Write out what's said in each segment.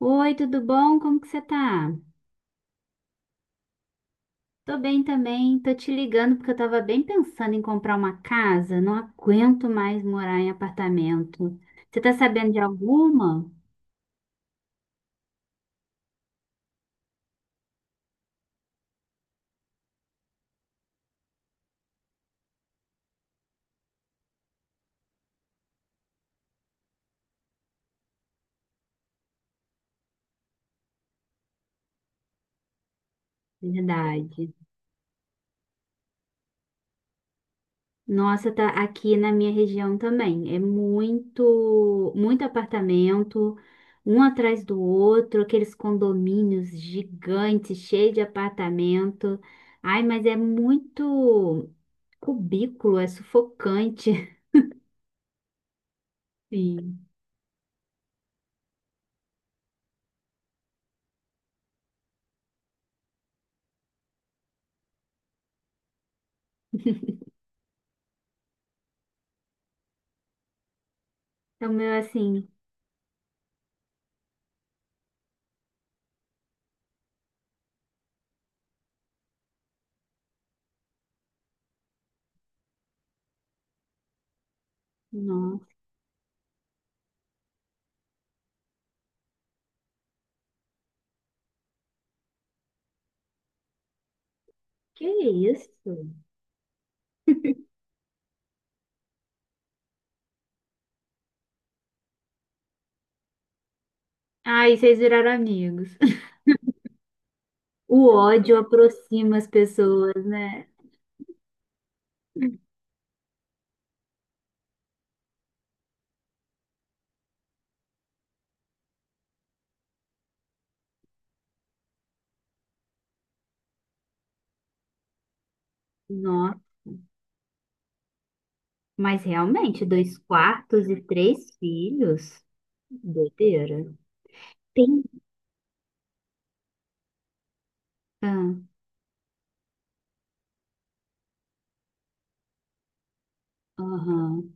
Oi, tudo bom? Como que você tá? Tô bem também, tô te ligando porque eu tava bem pensando em comprar uma casa, não aguento mais morar em apartamento. Você tá sabendo de alguma? Verdade. Nossa, tá aqui na minha região também. É muito, muito apartamento, um atrás do outro, aqueles condomínios gigantes, cheios de apartamento. Ai, mas é muito cubículo, é sufocante. Sim. O meu, é assim, nossa, que isso? Ai, vocês viraram amigos. O ódio aproxima as pessoas, né? Nossa, mas realmente, dois quartos e três filhos? Doideira. Tem. Ah, aham.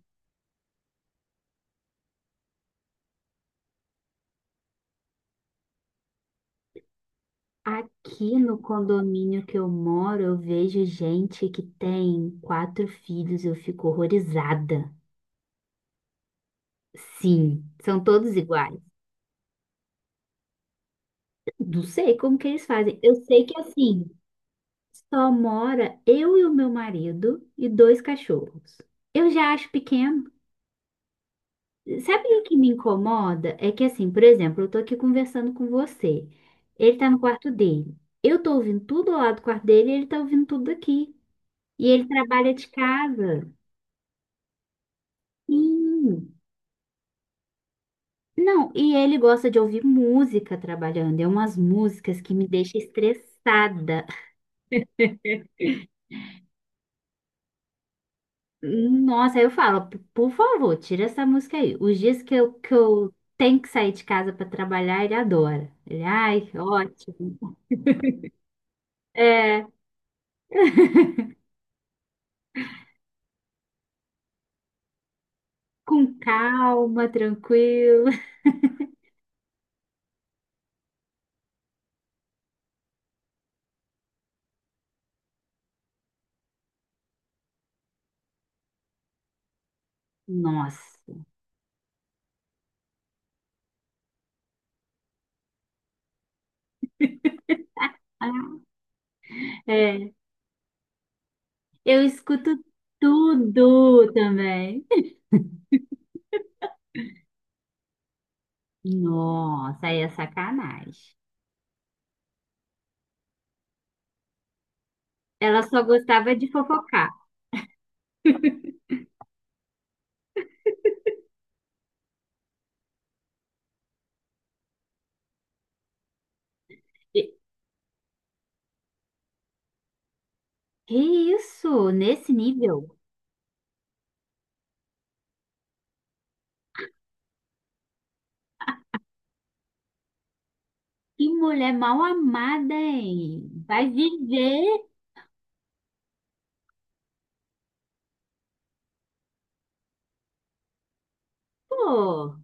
Aqui no condomínio que eu moro, eu vejo gente que tem quatro filhos, eu fico horrorizada. Sim, são todos iguais. Não sei como que eles fazem. Eu sei que assim. Só mora eu e o meu marido e dois cachorros. Eu já acho pequeno. Sabe o que me incomoda? É que assim, por exemplo, eu tô aqui conversando com você. Ele tá no quarto dele. Eu tô ouvindo tudo lá do quarto dele e ele tá ouvindo tudo aqui. E ele trabalha de casa. Sim. Não, e ele gosta de ouvir música trabalhando. É umas músicas que me deixam estressada. Nossa, aí eu falo, "Por favor, tira essa música aí. Os dias que eu tenho que sair de casa para trabalhar, ele adora. Ele, ai, ótimo. É, com calma, tranquilo. Nossa. Ah, é, eu escuto tudo também. Nossa, aí é sacanagem. Ela só gostava de fofocar. E- Que isso? Nesse nível? Que mulher mal amada, hein? Vai viver, pô.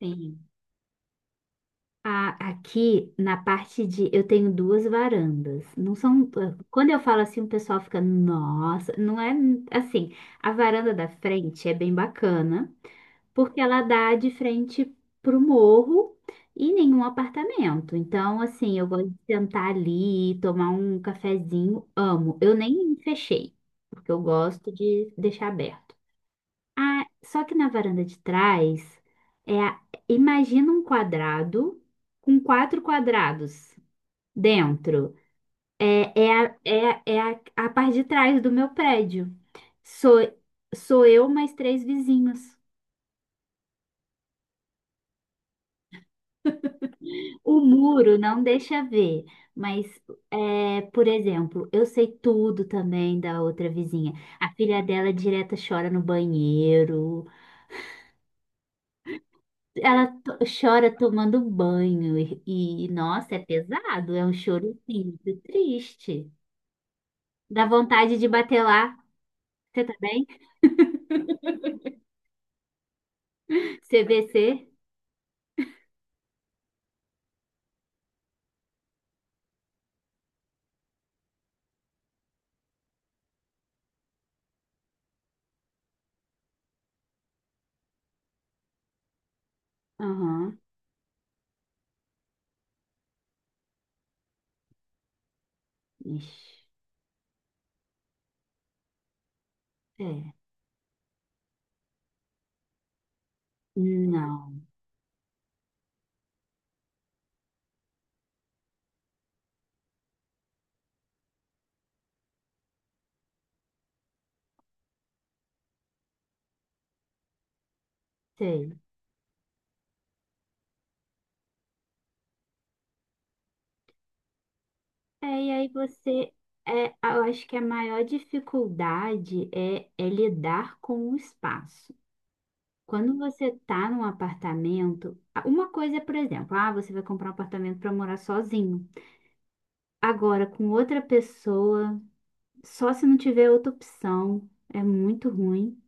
Sim. Aqui na parte de eu tenho duas varandas. Não são, ah, quando eu falo assim, o pessoal fica, nossa, não é assim. A varanda da frente é bem bacana, porque ela dá de frente pro morro e nenhum apartamento. Então, assim, eu gosto de sentar ali, tomar um cafezinho, amo. Eu nem fechei, porque eu gosto de deixar aberto. Ah, só que na varanda de trás, é, a- imagina um quadrado com quatro quadrados dentro. É, é, a, é, a- é a, a parte de trás do meu prédio. Sou, sou eu mais três vizinhos. O muro não deixa ver, mas, é, por exemplo, eu sei tudo também da outra vizinha. A filha dela direta chora no banheiro. Ela chora tomando banho e nossa, é pesado, é um choro assim, muito triste. Dá vontade de bater lá. Você tá bem? CVC? Aham. Ixi, é. Não, sei. É, e aí você, é, eu acho que a maior dificuldade é lidar com o espaço. Quando você tá num apartamento, uma coisa é, por exemplo, ah, você vai comprar um apartamento para morar sozinho. Agora, com outra pessoa. Só se não tiver outra opção. É muito ruim.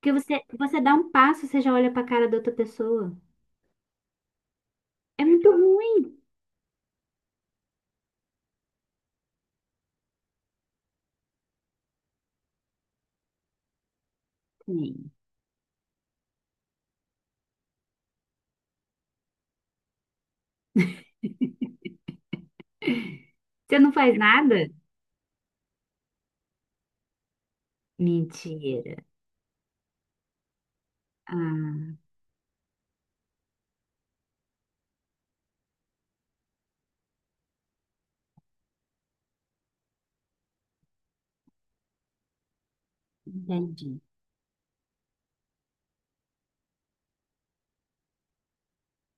Porque você, você dá um passo, você já olha pra cara da outra pessoa. É muito ruim. Sim. Você não faz nada? Mentira. Ah, entendi.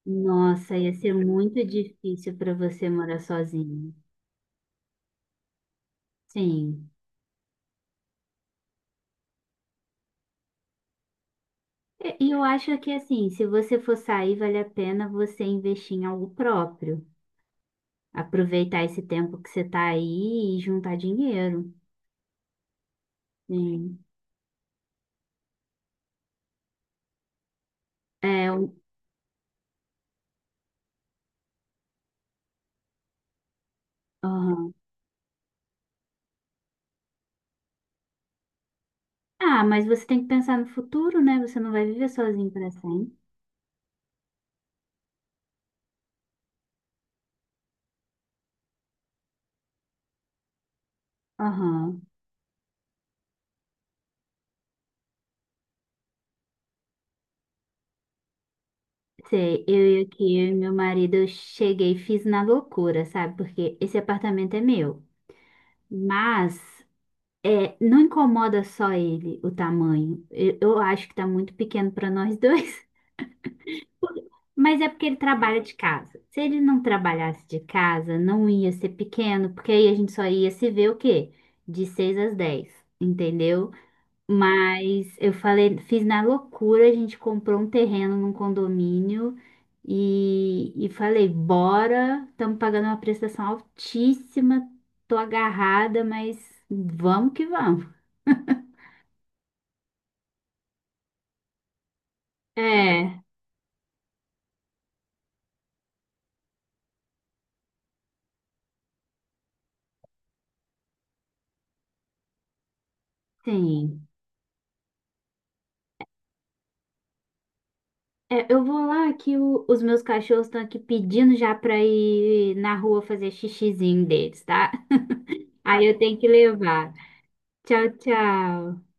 Nossa, ia ser muito difícil pra você morar sozinho. Sim. E eu acho que assim, se você for sair, vale a pena você investir em algo próprio. Aproveitar esse tempo que você tá aí e juntar dinheiro. Sim. É, aham. Ah, mas você tem que pensar no futuro, né? Você não vai viver sozinho para sempre. Aham. Sei, eu e aqui, eu e meu marido, eu cheguei, e fiz na loucura, sabe? Porque esse apartamento é meu. Mas é, não incomoda só ele o tamanho. Eu acho que tá muito pequeno para nós dois. Mas é porque ele trabalha de casa. Se ele não trabalhasse de casa, não ia ser pequeno, porque aí a gente só ia se ver o quê? De seis às dez, entendeu? Mas eu falei, fiz na loucura, a gente comprou um terreno num condomínio e falei, bora, estamos pagando uma prestação altíssima, tô agarrada, mas vamos que vamos. É, sim. É, eu vou lá que os meus cachorros estão aqui pedindo já pra ir na rua fazer xixizinho deles, tá? Aí eu tenho que levar. Tchau, tchau.